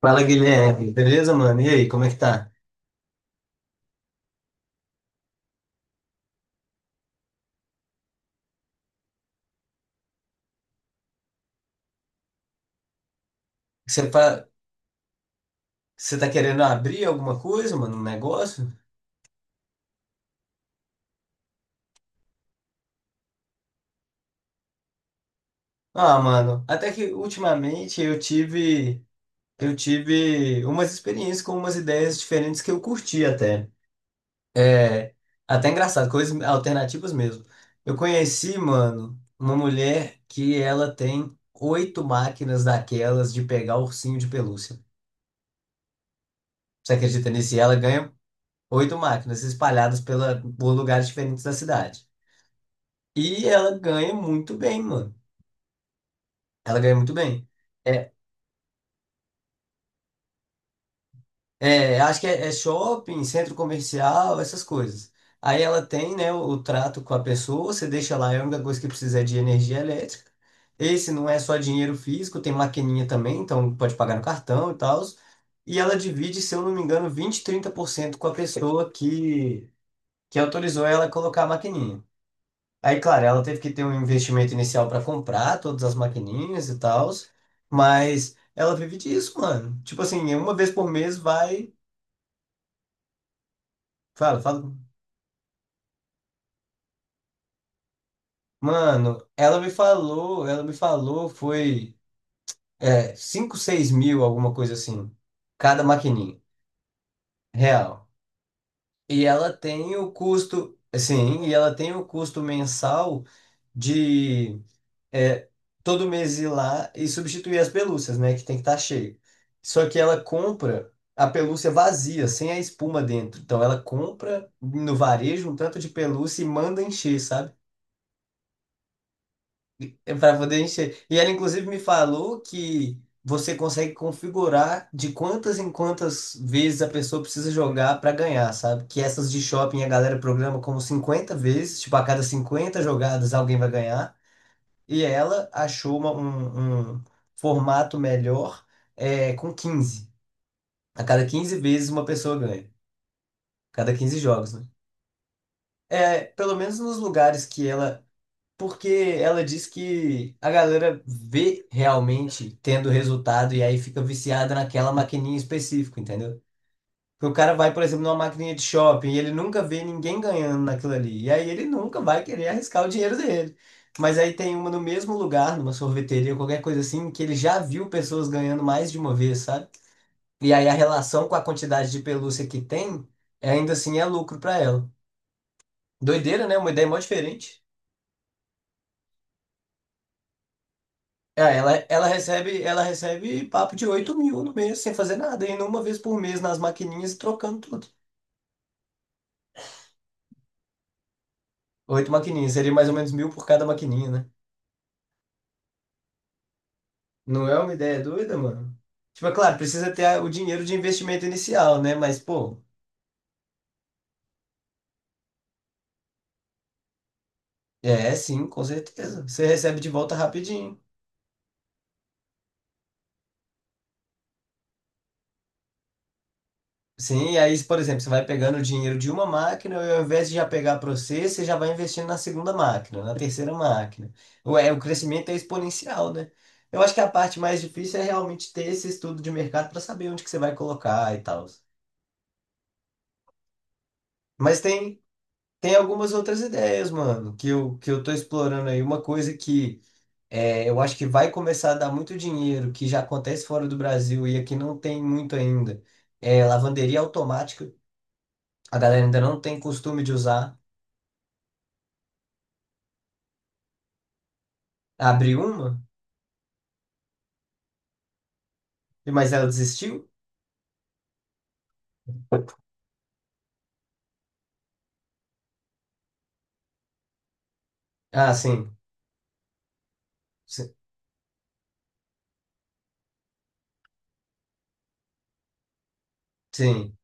Fala, Guilherme. Beleza, mano? E aí, como é que tá? Você tá, você tá querendo abrir alguma coisa, mano? Um negócio? Ah, mano, até que ultimamente eu tive umas experiências com umas ideias diferentes que eu curti até. É, até engraçado, coisas alternativas mesmo. Eu conheci, mano, uma mulher que ela tem oito máquinas daquelas de pegar ursinho de pelúcia. Você acredita nisso? E ela ganha oito máquinas espalhadas por lugares diferentes da cidade. E ela ganha muito bem, mano. Ela ganha muito bem. É, acho que é shopping, centro comercial, essas coisas. Aí ela tem, né, o trato com a pessoa, você deixa lá, é a única coisa que precisa é de energia elétrica. Esse não é só dinheiro físico, tem maquininha também, então pode pagar no cartão e tal. E ela divide, se eu não me engano, 20, 30% com a pessoa que autorizou ela a colocar a maquininha. Aí, claro, ela teve que ter um investimento inicial para comprar todas as maquininhas e tal, mas ela vive disso, mano. Tipo assim, uma vez por mês vai, fala, fala. Mano, foi 5, 6 mil, alguma coisa assim, cada maquininha, real. E ela tem o custo, assim, e ela tem o custo mensal de é, todo mês ir lá e substituir as pelúcias, né? Que tem que estar cheio. Só que ela compra a pelúcia vazia, sem a espuma dentro. Então ela compra no varejo um tanto de pelúcia e manda encher, sabe? É para poder encher. E ela inclusive me falou que você consegue configurar de quantas em quantas vezes a pessoa precisa jogar para ganhar, sabe? Que essas de shopping a galera programa como 50 vezes, tipo a cada 50 jogadas alguém vai ganhar. E ela achou um formato melhor com 15. A cada 15 vezes, uma pessoa ganha. Cada 15 jogos, né? É, pelo menos nos lugares que ela. Porque ela diz que a galera vê realmente tendo resultado e aí fica viciada naquela maquininha específica, entendeu? Porque o cara vai, por exemplo, numa maquininha de shopping e ele nunca vê ninguém ganhando naquilo ali. E aí ele nunca vai querer arriscar o dinheiro dele. Mas aí tem uma no mesmo lugar, numa sorveteria, ou qualquer coisa assim, que ele já viu pessoas ganhando mais de uma vez, sabe? E aí a relação com a quantidade de pelúcia que tem, ainda assim é lucro pra ela. Doideira, né? Uma ideia mó diferente. É, ela recebe papo de 8 mil no mês, sem fazer nada, indo uma vez por mês nas maquininhas e trocando tudo. Oito maquininhas, seria mais ou menos mil por cada maquininha, né? Não é uma ideia doida, mano? Tipo, é claro, precisa ter o dinheiro de investimento inicial, né? Mas, pô, é sim, com certeza. Você recebe de volta rapidinho. Sim, e aí, por exemplo, você vai pegando o dinheiro de uma máquina e ao invés de já pegar para você, você já vai investindo na segunda máquina, na terceira máquina. O crescimento é exponencial, né? Eu acho que a parte mais difícil é realmente ter esse estudo de mercado para saber onde que você vai colocar e tal. Mas tem, tem algumas outras ideias, mano, que eu tô explorando aí. Uma coisa que. É, eu acho que vai começar a dar muito dinheiro, que já acontece fora do Brasil e aqui não tem muito ainda. É, lavanderia automática, a galera ainda não tem costume de usar. Abriu uma, mas ela desistiu? Ah, sim. Si- Sim.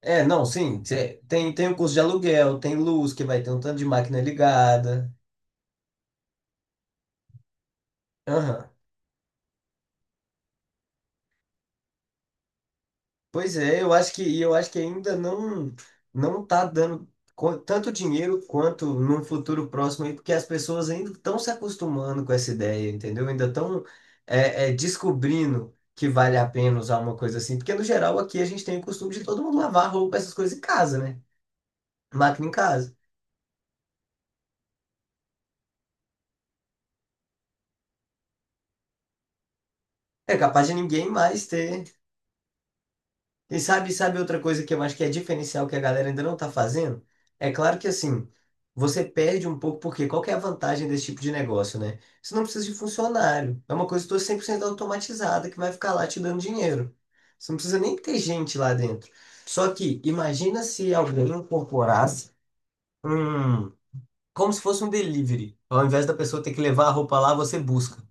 É, não, sim. Tem o custo de aluguel, tem luz, que vai ter um tanto de máquina ligada. Aham. Pois é, eu acho que ainda não tá dando tanto dinheiro quanto num futuro próximo aí, porque as pessoas ainda estão se acostumando com essa ideia, entendeu? Ainda estão descobrindo que vale a pena usar uma coisa assim, porque no geral aqui a gente tem o costume de todo mundo lavar roupa, essas coisas em casa, né? Máquina em casa. É capaz de ninguém mais ter. E sabe outra coisa que eu acho que é diferencial que a galera ainda não tá fazendo? É claro que assim, você perde um pouco, porque qual que é a vantagem desse tipo de negócio, né? Você não precisa de funcionário. É uma coisa toda 100% automatizada que vai ficar lá te dando dinheiro. Você não precisa nem ter gente lá dentro. Só que imagina se alguém incorporasse um, como se fosse um delivery. Ao invés da pessoa ter que levar a roupa lá, você busca.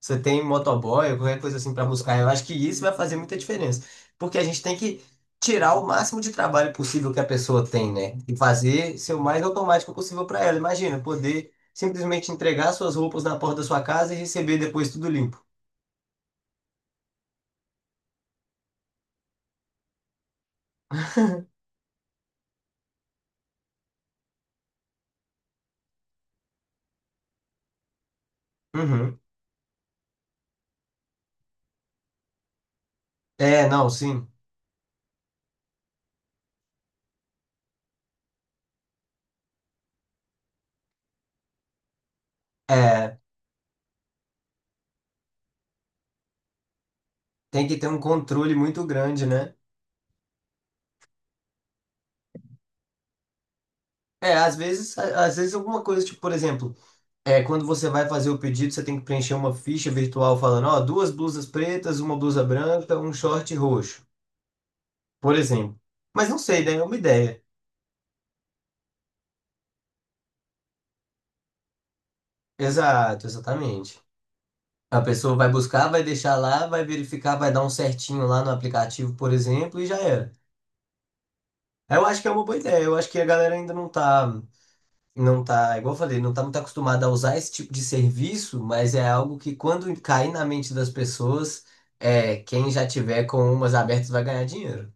Você tem motoboy, qualquer coisa assim pra buscar. Eu acho que isso vai fazer muita diferença. Porque a gente tem que tirar o máximo de trabalho possível que a pessoa tem, né? E fazer ser o mais automático possível pra ela. Imagina, poder simplesmente entregar suas roupas na porta da sua casa e receber depois tudo limpo. Uhum. É, não, sim. É, tem que ter um controle muito grande, né? É, às vezes, às vezes alguma coisa, tipo, por exemplo, quando você vai fazer o pedido, você tem que preencher uma ficha virtual falando, ó, duas blusas pretas, uma blusa branca, um short roxo, por exemplo. Mas não sei, daí é uma ideia. Exato, exatamente. A pessoa vai buscar, vai deixar lá, vai verificar, vai dar um certinho lá no aplicativo, por exemplo, e já era. Eu acho que é uma boa ideia. Eu acho que a galera ainda não tá, igual eu falei, não tá muito acostumada a usar esse tipo de serviço, mas é algo que quando cair na mente das pessoas, quem já tiver com umas abertas vai ganhar dinheiro.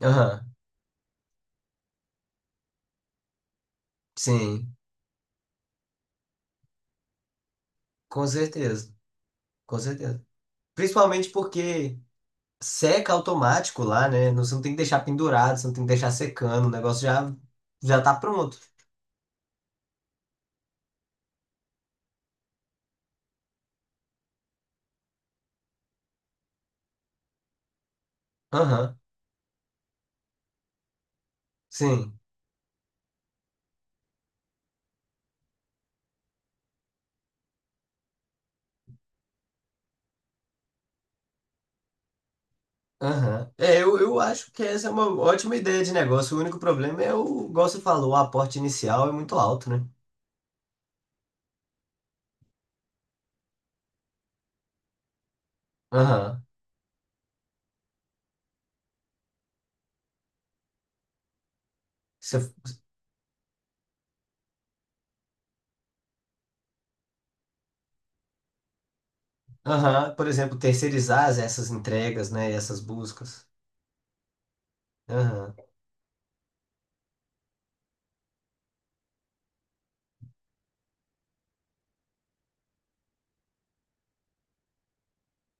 Aham, sim, com certeza, com certeza. Principalmente porque seca automático lá, né? Você não tem que deixar pendurado, você não tem que deixar secando, o negócio já tá pronto. Aham, sim. Aham. É, eu acho que essa é uma ótima ideia de negócio. O único problema é o, igual você falou, o aporte inicial é muito alto, né? Aham. Você- Aham. Por exemplo, terceirizar essas entregas, né? Essas buscas. Aham.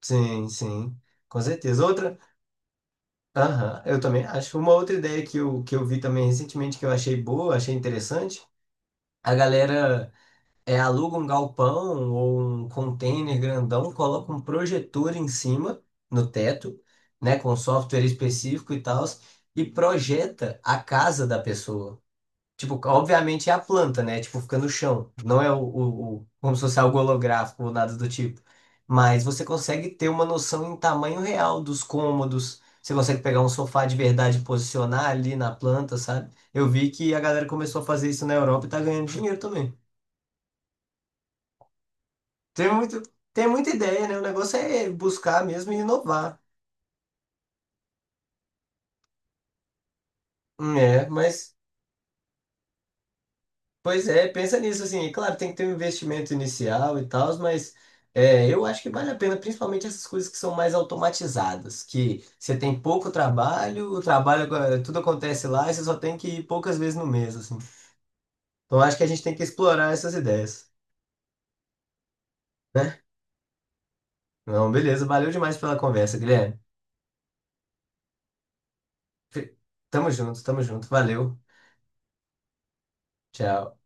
Sim, sim. Com certeza. Outra. Aham. Eu também acho. Uma outra ideia que eu vi também recentemente que eu achei boa, achei interessante. A galera. É, aluga um galpão ou um container grandão, coloca um projetor em cima, no teto, né, com um software específico e tal, e projeta a casa da pessoa. Tipo, obviamente é a planta, né? Tipo, fica no chão. Não é como se fosse algo holográfico ou nada do tipo. Mas você consegue ter uma noção em tamanho real dos cômodos. Você consegue pegar um sofá de verdade e posicionar ali na planta, sabe? Eu vi que a galera começou a fazer isso na Europa e tá ganhando dinheiro também. Tem muito, tem muita ideia, né? O negócio é buscar mesmo e inovar. É, mas, pois é, pensa nisso, assim, e claro, tem que ter um investimento inicial e tal, mas eu acho que vale a pena, principalmente essas coisas que são mais automatizadas, que você tem pouco trabalho, o trabalho, tudo acontece lá e você só tem que ir poucas vezes no mês, assim. Então, acho que a gente tem que explorar essas ideias, né? Não, beleza, valeu demais pela conversa, Guilherme. Fe- tamo junto, valeu, tchau.